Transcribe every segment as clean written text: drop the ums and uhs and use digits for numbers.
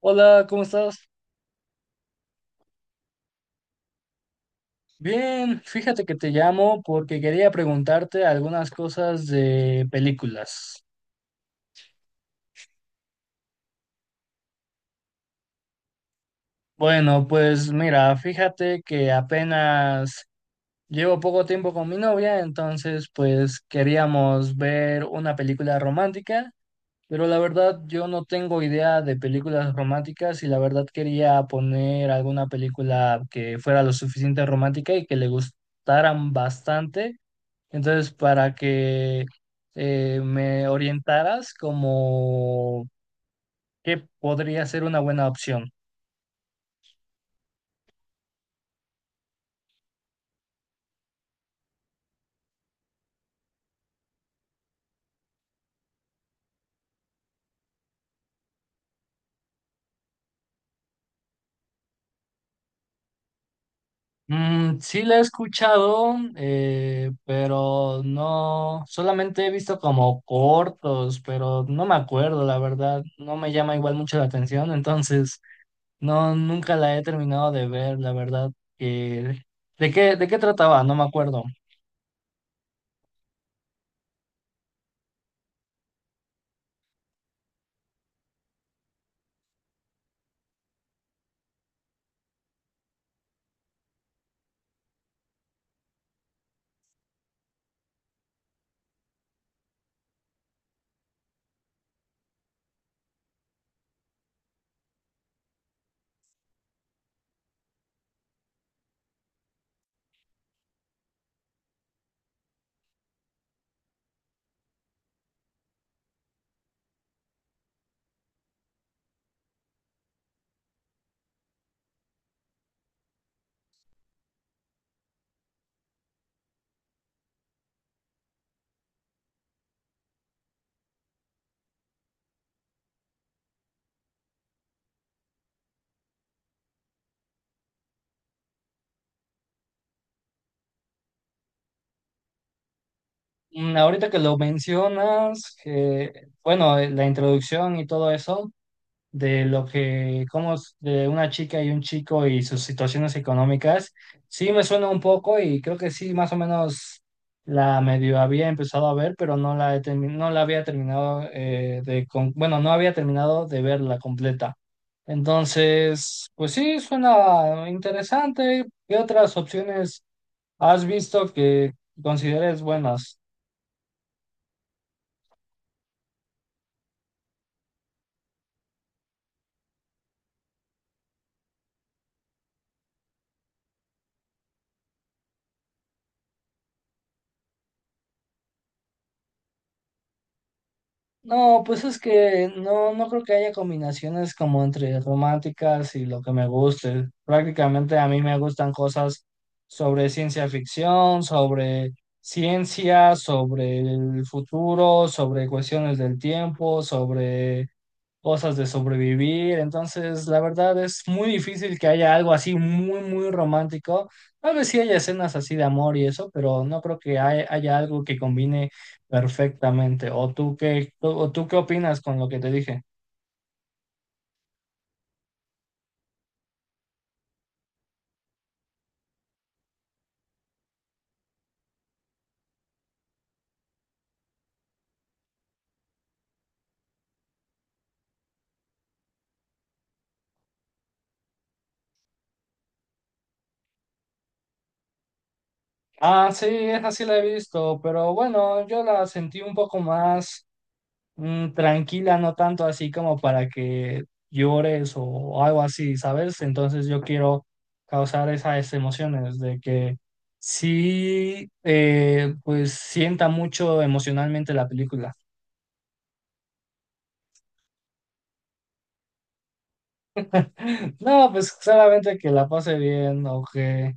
Hola, ¿cómo estás? Bien, fíjate que te llamo porque quería preguntarte algunas cosas de películas. Bueno, pues mira, fíjate que apenas llevo poco tiempo con mi novia, entonces pues queríamos ver una película romántica, pero la verdad yo no tengo idea de películas románticas y la verdad quería poner alguna película que fuera lo suficiente romántica y que le gustaran bastante. Entonces, para que me orientaras como qué podría ser una buena opción. Mm, sí la he escuchado, pero no, solamente he visto como cortos, pero no me acuerdo, la verdad, no me llama igual mucho la atención, entonces no, nunca la he terminado de ver, la verdad, que, de qué trataba? No me acuerdo. Mm, ahorita que lo mencionas, bueno, la introducción y todo eso, de lo que, como de una chica y un chico y sus situaciones económicas, sí me suena un poco y creo que sí, más o menos la medio había empezado a ver, pero he no la había terminado de, bueno, no había terminado de verla completa. Entonces, pues sí, suena interesante. ¿Qué otras opciones has visto que consideres buenas? No, pues es que no, no creo que haya combinaciones como entre románticas y lo que me guste. Prácticamente a mí me gustan cosas sobre ciencia ficción, sobre ciencia, sobre el futuro, sobre cuestiones del tiempo, sobre cosas de sobrevivir. Entonces, la verdad es muy difícil que haya algo así muy, muy romántico. Tal vez sí haya escenas así de amor y eso, pero no creo que haya algo que combine perfectamente. O tú qué opinas con lo que te dije? Ah, sí, esa sí la he visto, pero bueno, yo la sentí un poco más, mm, tranquila, no tanto así como para que llores o algo así, ¿sabes? Entonces yo quiero causar esas emociones de que sí, pues sienta mucho emocionalmente la película. No, pues solamente que la pase bien o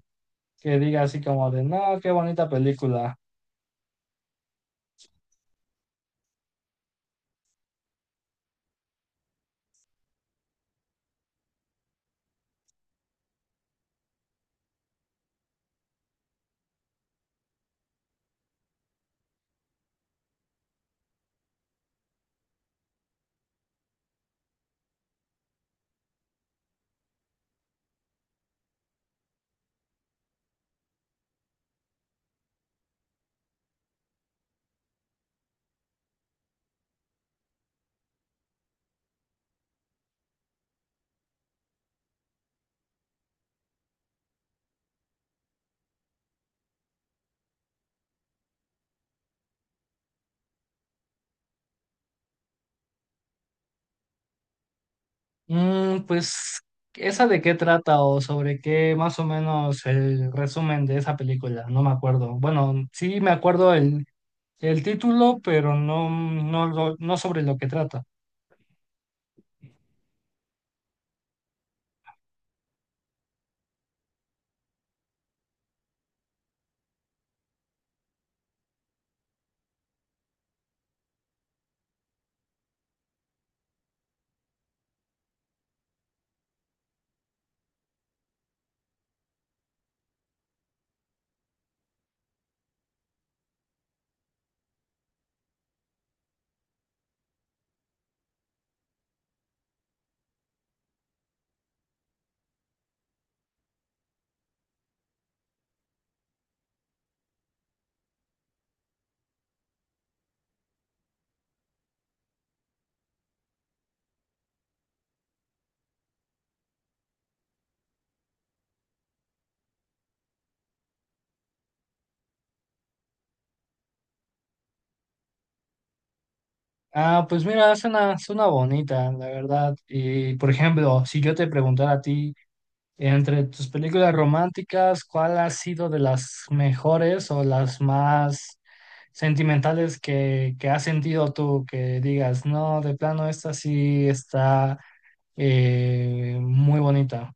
que diga así como de, no, qué bonita película. Mm, pues, ¿esa de qué trata o sobre qué más o menos el resumen de esa película? No me acuerdo. Bueno, sí me acuerdo el título, pero no, no sobre lo que trata. Ah, pues mira, suena, suena bonita, la verdad. Y por ejemplo, si yo te preguntara a ti, entre tus películas románticas, ¿cuál ha sido de las mejores o las más sentimentales que has sentido tú? Que digas, no, de plano, esta sí está, muy bonita.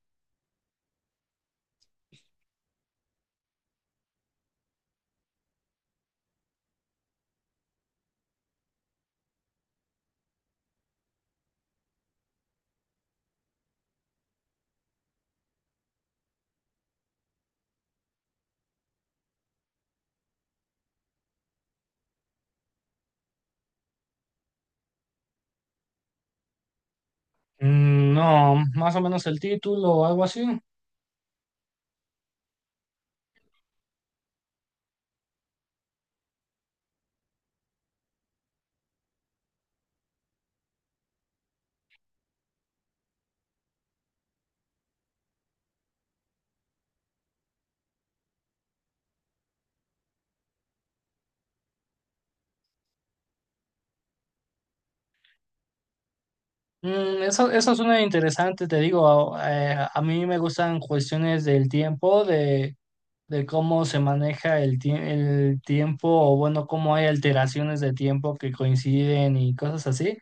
Mm, no, más o menos el título o algo así. Mm, eso suena interesante, te digo, a mí me gustan cuestiones del tiempo, de cómo se maneja el tiempo o bueno, cómo hay alteraciones de tiempo que coinciden y cosas así.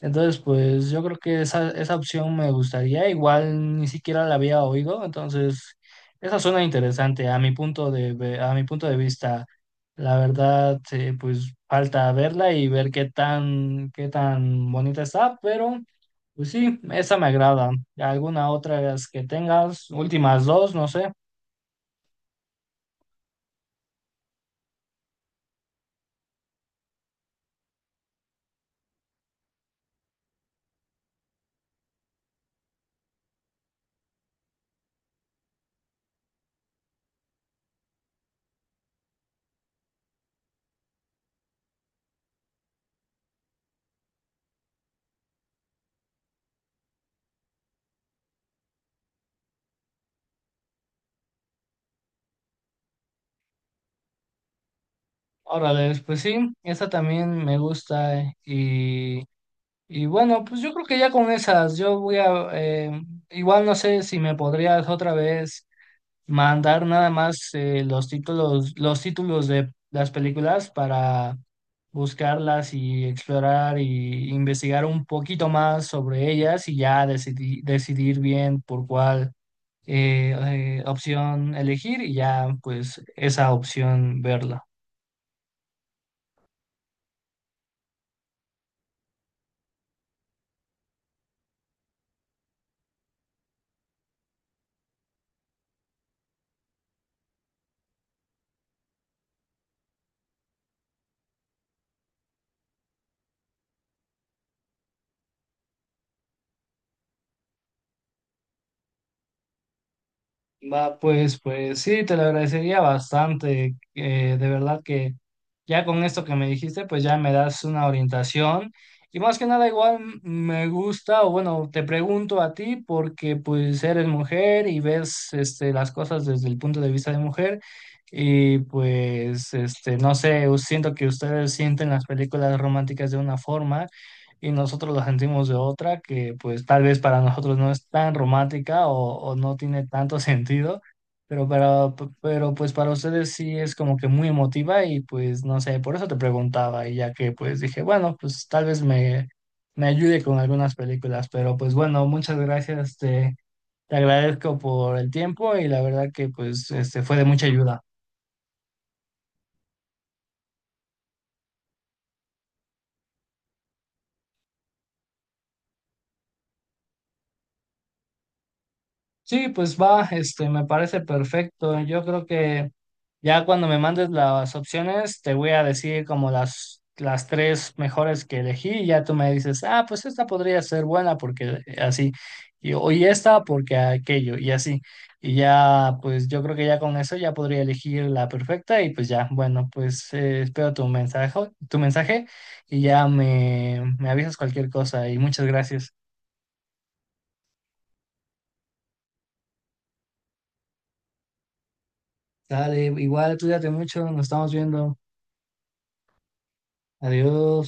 Entonces, pues yo creo que esa opción me gustaría, igual ni siquiera la había oído, entonces esa suena interesante a mi punto de, a mi punto de vista. La verdad, pues falta verla y ver qué tan bonita está, pero pues sí, esa me agrada. ¿Alguna otra que tengas? Últimas dos, no sé. Órale, pues sí, esa también me gusta, y bueno, pues yo creo que ya con esas, yo voy a igual no sé si me podrías otra vez mandar nada más los títulos de las películas para buscarlas y explorar y investigar un poquito más sobre ellas y ya decidir, decidir bien por cuál eh, opción elegir y ya pues esa opción verla. Va, pues, pues sí, te lo agradecería bastante, de verdad que ya con esto que me dijiste, pues ya me das una orientación. Y más que nada, igual me gusta, o bueno, te pregunto a ti porque pues eres mujer y ves este, las cosas desde el punto de vista de mujer. Y pues, este, no sé, siento que ustedes sienten las películas románticas de una forma y nosotros la sentimos de otra que pues tal vez para nosotros no es tan romántica o no tiene tanto sentido, pero, para, pero pues para ustedes sí es como que muy emotiva y pues no sé, por eso te preguntaba y ya que pues dije, bueno, pues tal vez me ayude con algunas películas, pero pues bueno, muchas gracias, te agradezco por el tiempo y la verdad que pues este fue de mucha ayuda. Sí, pues va, este, me parece perfecto. Yo creo que ya cuando me mandes las opciones, te voy a decir como las tres mejores que elegí y ya tú me dices, ah, pues esta podría ser buena porque así, o y esta porque aquello, y así. Y ya, pues yo creo que ya con eso ya podría elegir la perfecta y pues ya, bueno, pues espero tu mensaje, tu mensaje y ya me avisas cualquier cosa y muchas gracias. Dale, igual, cuídate mucho, nos estamos viendo. Adiós.